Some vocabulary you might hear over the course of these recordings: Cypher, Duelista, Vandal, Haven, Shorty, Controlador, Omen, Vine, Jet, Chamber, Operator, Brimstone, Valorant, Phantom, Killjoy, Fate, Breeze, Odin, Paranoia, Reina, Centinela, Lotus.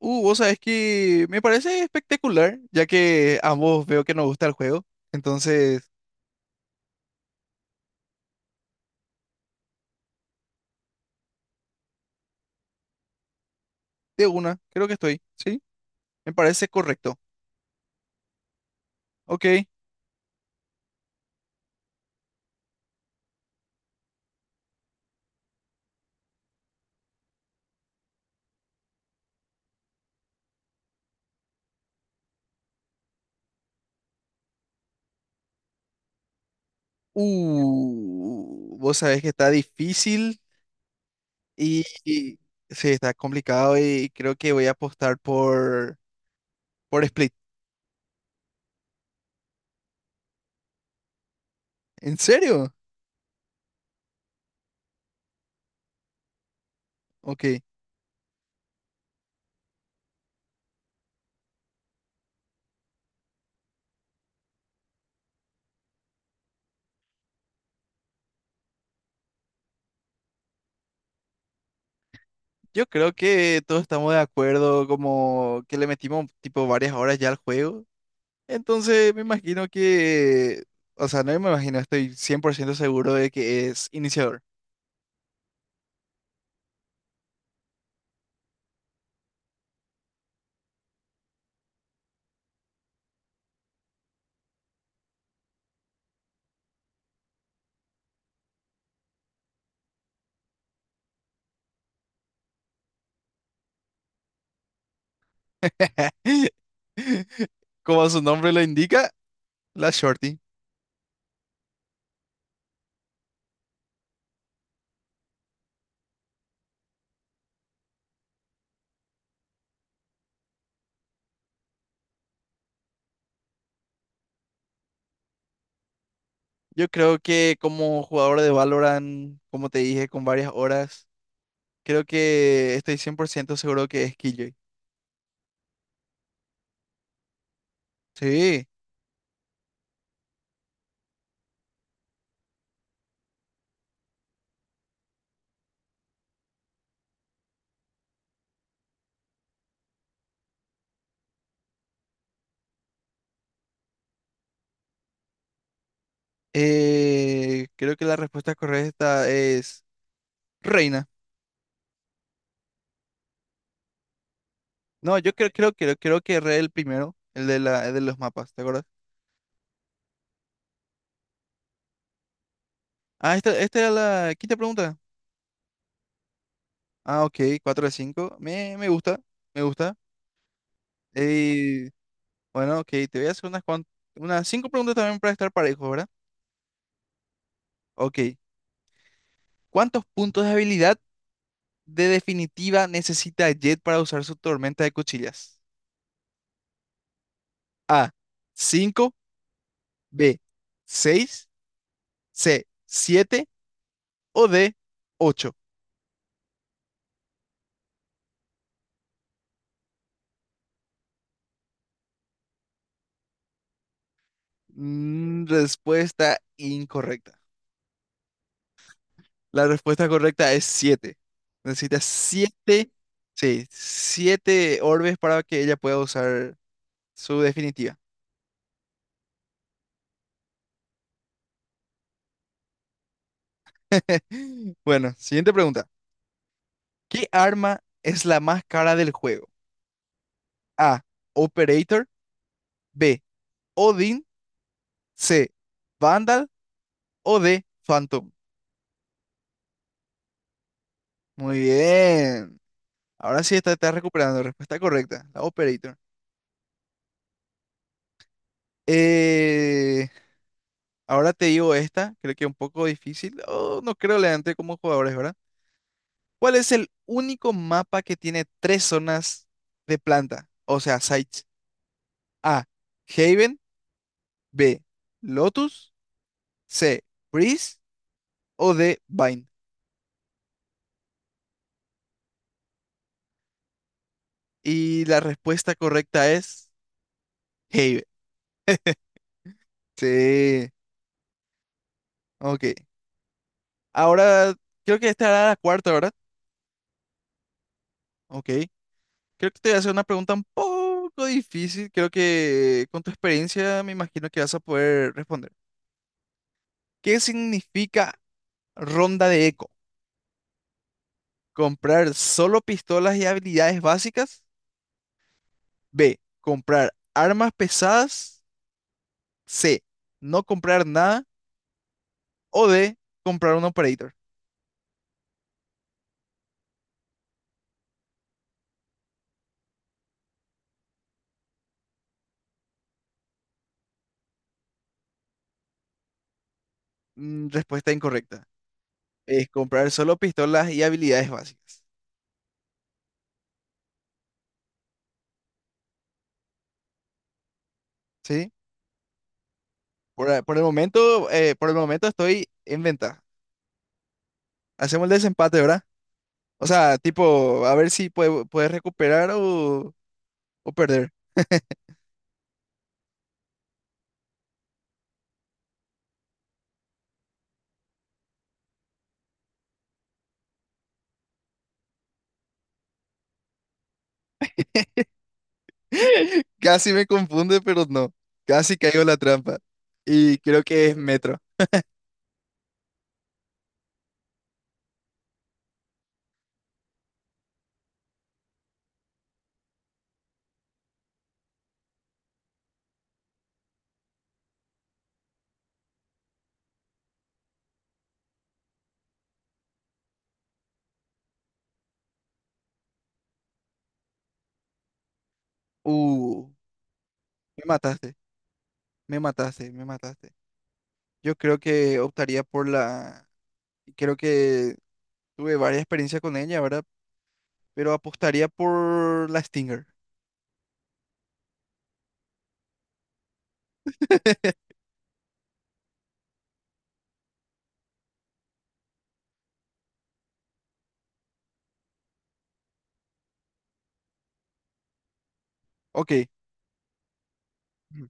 Vos sabés que me parece espectacular, ya que ambos veo que nos gusta el juego. Entonces, de una, creo que estoy, ¿sí? Me parece correcto. Ok. Vos sabés que está difícil y, y- sí, está complicado y creo que voy a apostar por Split. ¿En serio? Ok. Yo creo que todos estamos de acuerdo, como que le metimos tipo varias horas ya al juego. Entonces me imagino que, o sea, no me imagino, estoy 100% seguro de que es iniciador. Como su nombre lo indica, la Shorty. Yo creo que como jugador de Valorant, como te dije, con varias horas, creo que estoy 100% seguro que es Killjoy. Sí, creo que la respuesta correcta es Reina. No, yo creo que Re el primero, el de los mapas, ¿te acuerdas? Ah, esta era la quinta pregunta. Ah, ok, 4 de 5. Me gusta, me gusta. Eh, bueno, ok, te voy a hacer unas 5 preguntas también para estar parejo, ¿verdad? Ok. ¿Cuántos puntos de habilidad de definitiva necesita Jet para usar su tormenta de cuchillas? A, 5. B, 6. C, 7. O D, ocho. Respuesta incorrecta. La respuesta correcta es siete. Necesitas siete, sí, 7 orbes para que ella pueda usar su definitiva. Bueno, siguiente pregunta. ¿Qué arma es la más cara del juego? A. Operator. B. Odin. C. Vandal. O D. Phantom. Muy bien. Ahora sí está recuperando. Respuesta correcta. La Operator. Eh, Ahora te digo esta. Creo que es un poco difícil. Oh, no creo leante como jugadores, ¿verdad? ¿Cuál es el único mapa que tiene tres zonas de planta? O sea, sites. A. Haven. B. Lotus. C. Breeze. O D. Vine. Y la respuesta correcta es Haven. Sí. Ok. Ahora, creo que esta era la cuarta, ¿verdad? Ok. Creo que te voy a hacer una pregunta un poco difícil. Creo que con tu experiencia me imagino que vas a poder responder. ¿Qué significa ronda de eco? Comprar solo pistolas y habilidades básicas. B. Comprar armas pesadas. C. No comprar nada. O D. Comprar un operator. Respuesta incorrecta. Es comprar solo pistolas y habilidades básicas. ¿Sí? Por el momento, estoy en ventaja. Hacemos el desempate, ¿verdad? O sea, tipo, a ver si puedes recuperar o perder. Casi me confunde, pero no. Casi caigo en la trampa. Y creo que es Metro. Uh, Me mataste, me mataste, me mataste. Yo creo que optaría por la... Creo que tuve varias experiencias con ella, ¿verdad? Pero apostaría por la Stinger. Ok. Ujú.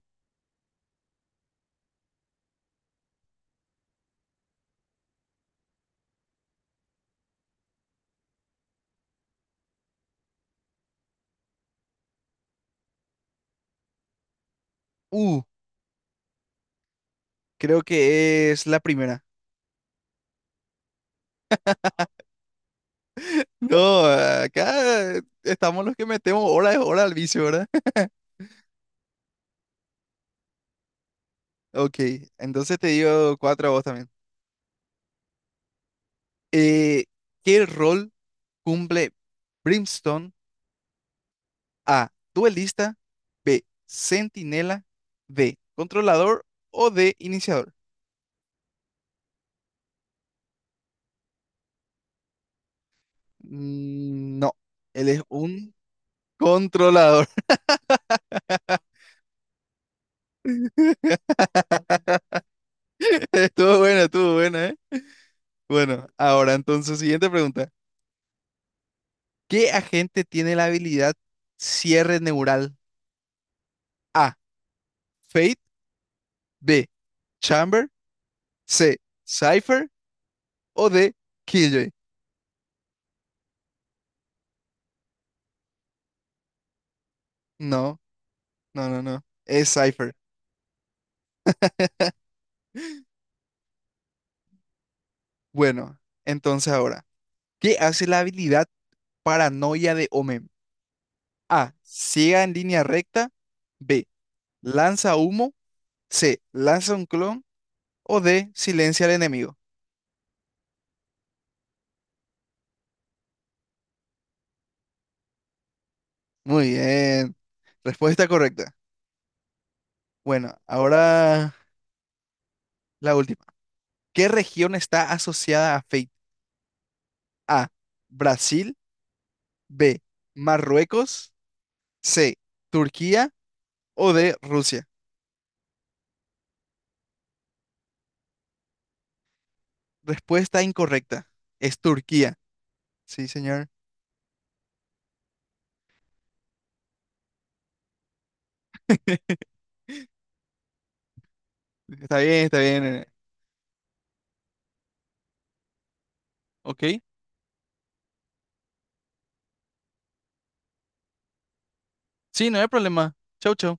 Uh, Creo que es la primera. No, acá estamos los que metemos hora de hora al vicio, ¿verdad? Ok, entonces te digo cuatro a vos también. Eh, ¿Qué rol cumple Brimstone? A. Duelista. B. Centinela. D. Controlador O D. Iniciador. No, él es un controlador. Estuvo buena, ¿eh? Bueno, ahora entonces, siguiente pregunta. ¿Qué agente tiene la habilidad cierre neural? A. Fate. B. Chamber. C. Cypher. O D. Killjoy. No, no, no, no. Es Cypher. Bueno, entonces ahora, ¿qué hace la habilidad? Paranoia de Omen. A. Ciega en línea recta. B. Lanza humo. C. Lanza un clon. O D. Silencia al enemigo. Muy bien. Respuesta correcta. Bueno, ahora la última. ¿Qué región está asociada a Fate? A. Brasil. B. Marruecos. C. Turquía. O D. Rusia. Respuesta incorrecta. Es Turquía. Sí, señor. Está bien, está bien. Ok. Sí, no hay problema. Chau, chau.